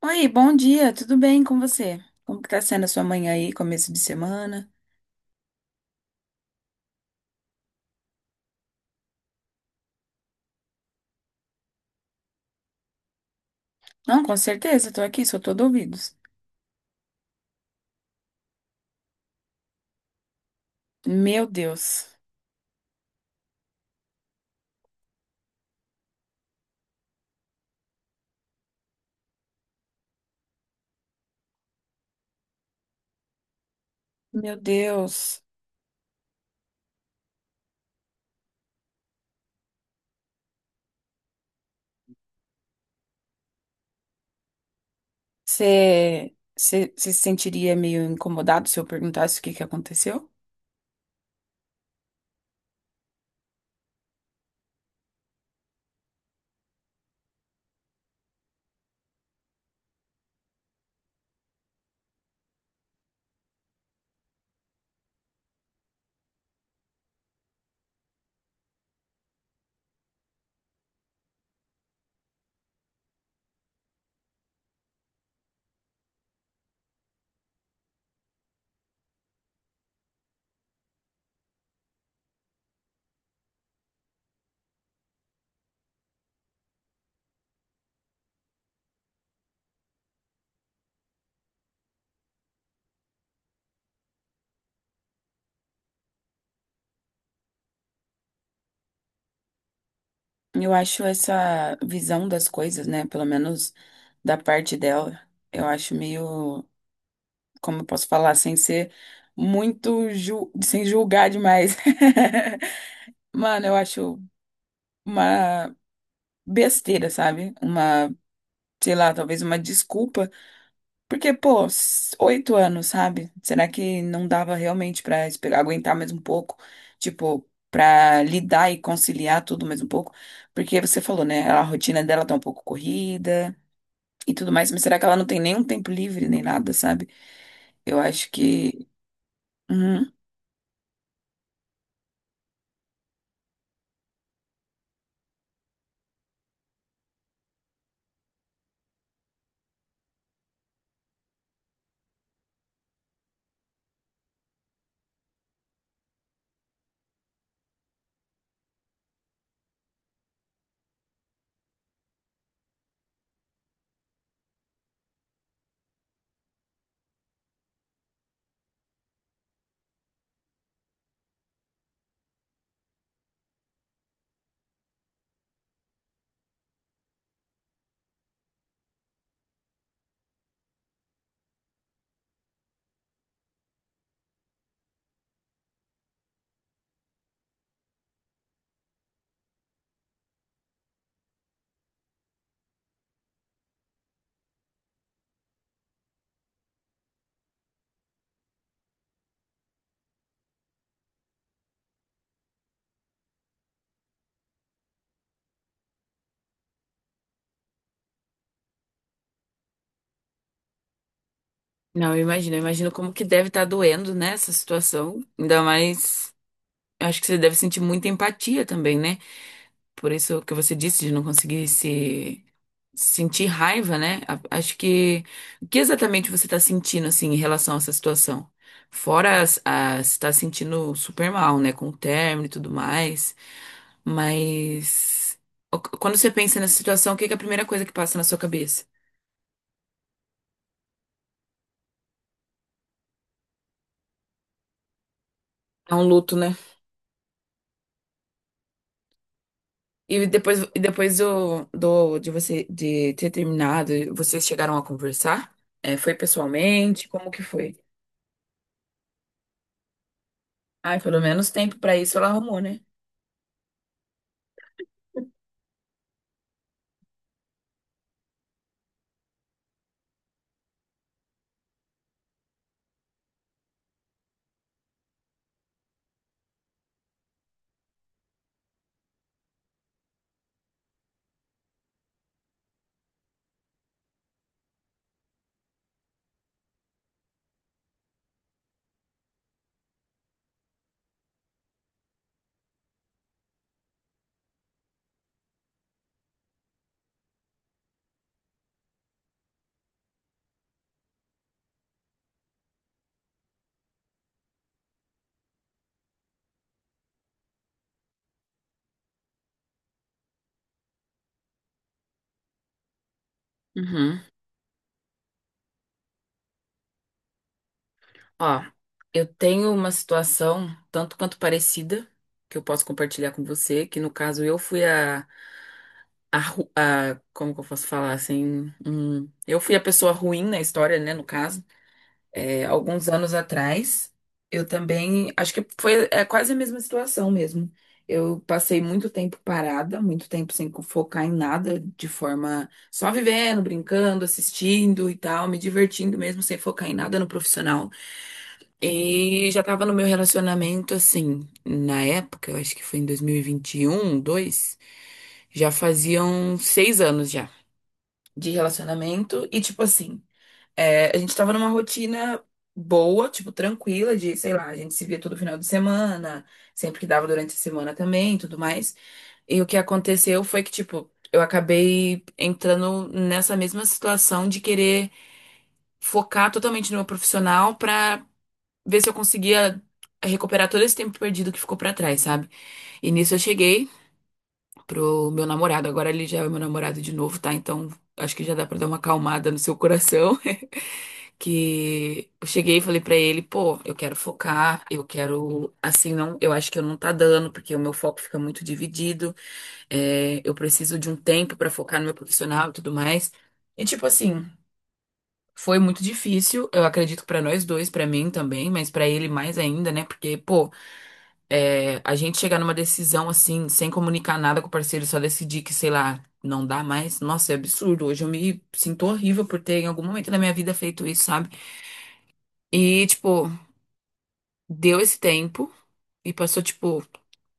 Oi, bom dia, tudo bem com você? Como que tá sendo a sua manhã aí, começo de semana? Não, com certeza, tô aqui, sou todo ouvidos. Meu Deus, meu Deus, você se sentiria meio incomodado se eu perguntasse o que que aconteceu? Eu acho essa visão das coisas, né? Pelo menos da parte dela, eu acho meio, como eu posso falar, sem ser muito, sem julgar demais. Mano, eu acho uma besteira, sabe? Uma, sei lá, talvez uma desculpa. Porque, pô, oito anos, sabe? Será que não dava realmente pra esperar, aguentar mais um pouco? Tipo, pra lidar e conciliar tudo mais um pouco? Porque você falou, né? A rotina dela tá um pouco corrida e tudo mais, mas será que ela não tem nenhum tempo livre nem nada, sabe? Eu acho que. Uhum. Não, eu imagino como que deve estar doendo, né, essa situação. Ainda mais, eu acho que você deve sentir muita empatia também, né? Por isso que você disse de não conseguir se sentir raiva, né? Acho que o que exatamente você está sentindo assim em relação a essa situação? Fora as está sentindo super mal, né, com o término e tudo mais, mas quando você pensa nessa situação, o que que é a primeira coisa que passa na sua cabeça? É um luto, né? E depois de você de ter terminado, vocês chegaram a conversar? É, foi pessoalmente? Como que foi? Ai, pelo menos tempo pra isso ela arrumou, né? Uhum. Ó, eu tenho uma situação tanto quanto parecida que eu posso compartilhar com você, que no caso eu fui como que eu posso falar assim? Eu fui a pessoa ruim na história, né, no caso. É, alguns anos atrás, eu também, acho que foi quase a mesma situação mesmo. Eu passei muito tempo parada, muito tempo sem focar em nada, de forma só vivendo, brincando, assistindo e tal, me divertindo mesmo, sem focar em nada no profissional. E já tava no meu relacionamento, assim, na época, eu acho que foi em dois mil e vinte e um dois já faziam 6 anos já de relacionamento e, tipo assim. É, a gente tava numa rotina boa, tipo, tranquila, de, sei lá, a gente se via todo final de semana, sempre que dava durante a semana também, e tudo mais. E o que aconteceu foi que, tipo, eu acabei entrando nessa mesma situação de querer focar totalmente no meu profissional pra ver se eu conseguia recuperar todo esse tempo perdido que ficou pra trás, sabe? E nisso eu cheguei pro meu namorado, agora ele já é meu namorado de novo, tá? Então acho que já dá pra dar uma acalmada no seu coração que eu cheguei e falei pra ele, pô, eu quero focar, eu quero, assim, não, eu acho que eu não tá dando, porque o meu foco fica muito dividido, é, eu preciso de um tempo pra focar no meu profissional e tudo mais. E tipo assim, foi muito difícil, eu acredito que pra nós dois, pra mim também, mas pra ele mais ainda, né? Porque, pô, é, a gente chegar numa decisão assim, sem comunicar nada com o parceiro, só decidir que, sei lá, não dá mais, nossa, é absurdo. Hoje eu me sinto horrível por ter em algum momento da minha vida feito isso, sabe? E, tipo, deu esse tempo e passou, tipo,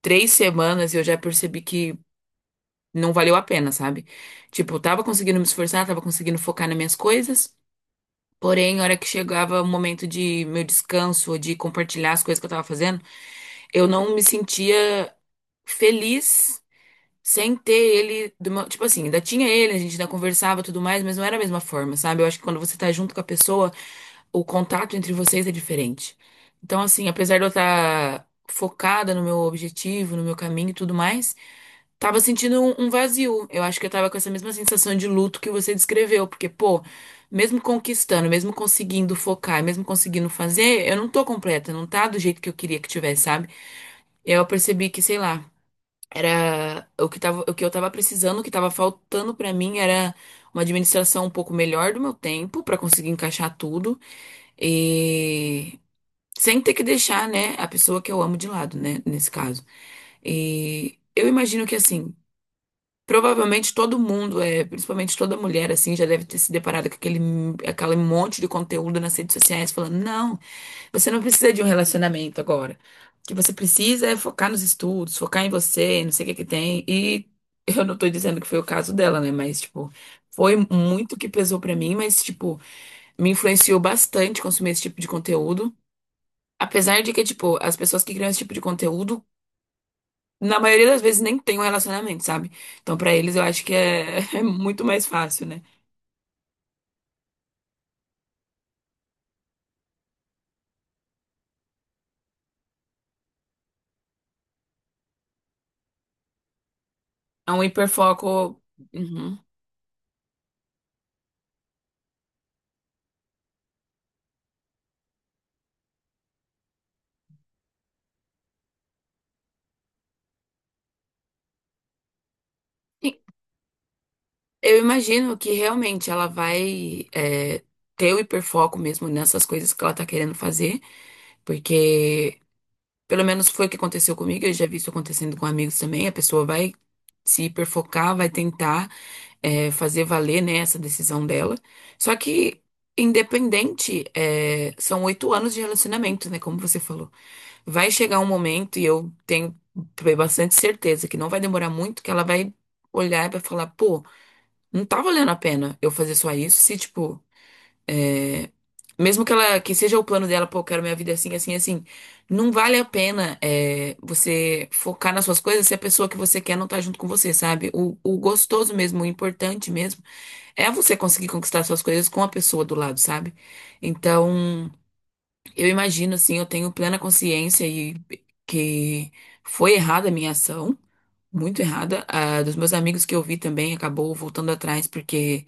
3 semanas e eu já percebi que não valeu a pena, sabe? Tipo, eu tava conseguindo me esforçar, tava conseguindo focar nas minhas coisas, porém, a hora que chegava o momento de meu descanso, ou de compartilhar as coisas que eu tava fazendo, eu não me sentia feliz sem ter ele, de tipo assim, ainda tinha ele, a gente ainda conversava e tudo mais, mas não era a mesma forma, sabe? Eu acho que quando você tá junto com a pessoa, o contato entre vocês é diferente. Então, assim, apesar de eu estar focada no meu objetivo, no meu caminho e tudo mais, tava sentindo um vazio. Eu acho que eu tava com essa mesma sensação de luto que você descreveu, porque, pô, mesmo conquistando, mesmo conseguindo focar, mesmo conseguindo fazer, eu não tô completa, não tá do jeito que eu queria que tivesse, sabe? Eu percebi que, sei lá, era o que tava, o que eu tava precisando, o que tava faltando pra mim era uma administração um pouco melhor do meu tempo pra conseguir encaixar tudo e sem ter que deixar, né, a pessoa que eu amo de lado, né, nesse caso. E eu imagino que assim, provavelmente todo mundo, principalmente toda mulher assim, já deve ter se deparado com aquele monte de conteúdo nas redes sociais falando, não, você não precisa de um relacionamento agora. O que você precisa é focar nos estudos, focar em você, não sei o que que tem. E eu não tô dizendo que foi o caso dela, né? Mas, tipo, foi muito que pesou pra mim, mas, tipo, me influenciou bastante consumir esse tipo de conteúdo. Apesar de que, tipo, as pessoas que criam esse tipo de conteúdo, na maioria das vezes nem tem um relacionamento, sabe? Então, pra eles, eu acho que é muito mais fácil, né? É um hiperfoco. Uhum. Eu imagino que realmente ela vai ter o hiperfoco mesmo nessas coisas que ela tá querendo fazer, porque pelo menos foi o que aconteceu comigo, eu já vi isso acontecendo com amigos também, a pessoa vai se hiperfocar, vai tentar fazer valer, né, essa decisão dela. Só que, independente, são 8 anos de relacionamento, né, como você falou. Vai chegar um momento, e eu tenho bastante certeza que não vai demorar muito, que ela vai olhar e vai falar, pô. Não tá valendo a pena eu fazer só isso, se, tipo, mesmo que ela, que seja o plano dela, pô, eu quero minha vida assim, assim, assim, não vale a pena você focar nas suas coisas se a pessoa que você quer não tá junto com você, sabe? O gostoso mesmo, o importante mesmo, é você conseguir conquistar suas coisas com a pessoa do lado, sabe? Então, eu imagino, assim, eu tenho plena consciência e que foi errada a minha ação, muito errada. A dos meus amigos que eu vi também acabou voltando atrás, porque.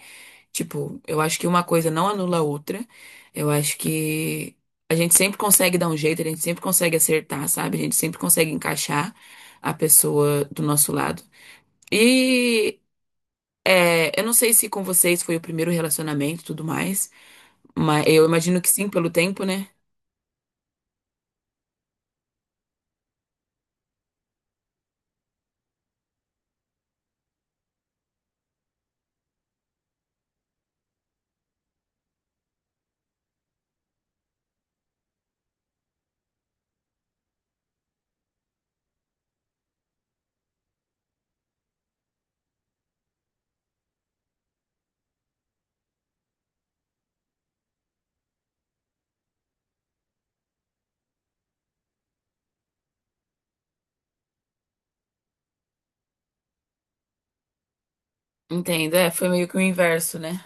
Tipo, eu acho que uma coisa não anula a outra. Eu acho que a gente sempre consegue dar um jeito, a gente sempre consegue acertar, sabe? A gente sempre consegue encaixar a pessoa do nosso lado. E eu não sei se com vocês foi o primeiro relacionamento e tudo mais, mas eu imagino que sim, pelo tempo, né? Entendo, é, foi meio que o inverso, né?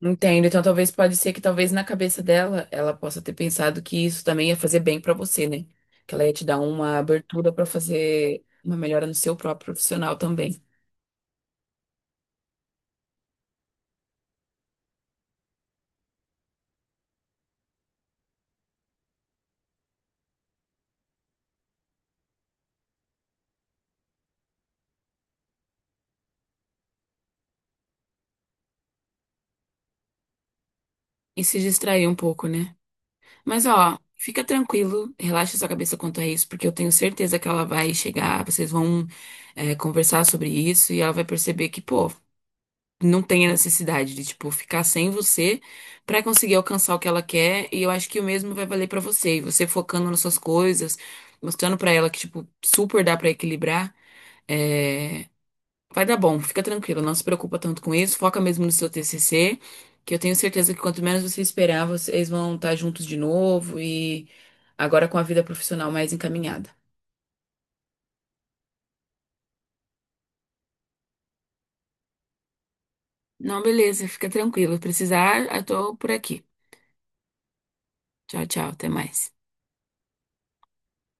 Entendo. Então, talvez pode ser que talvez na cabeça dela ela possa ter pensado que isso também ia fazer bem pra você, né? Que ela ia te dar uma abertura pra fazer uma melhora no seu próprio profissional também. E se distrair um pouco, né? Mas ó, fica tranquilo, relaxa sua cabeça quanto a isso, porque eu tenho certeza que ela vai chegar, vocês vão é, conversar sobre isso e ela vai perceber que, pô, não tem a necessidade de, tipo, ficar sem você pra conseguir alcançar o que ela quer. E eu acho que o mesmo vai valer pra você. E você focando nas suas coisas, mostrando pra ela que, tipo, super dá pra equilibrar, é, vai dar bom. Fica tranquila, não se preocupa tanto com isso. Foca mesmo no seu TCC, que eu tenho certeza que quanto menos você esperar, vocês vão estar juntos de novo e agora com a vida profissional mais encaminhada. Não, beleza, fica tranquila. Se precisar, eu tô por aqui. Tchau, tchau, até mais.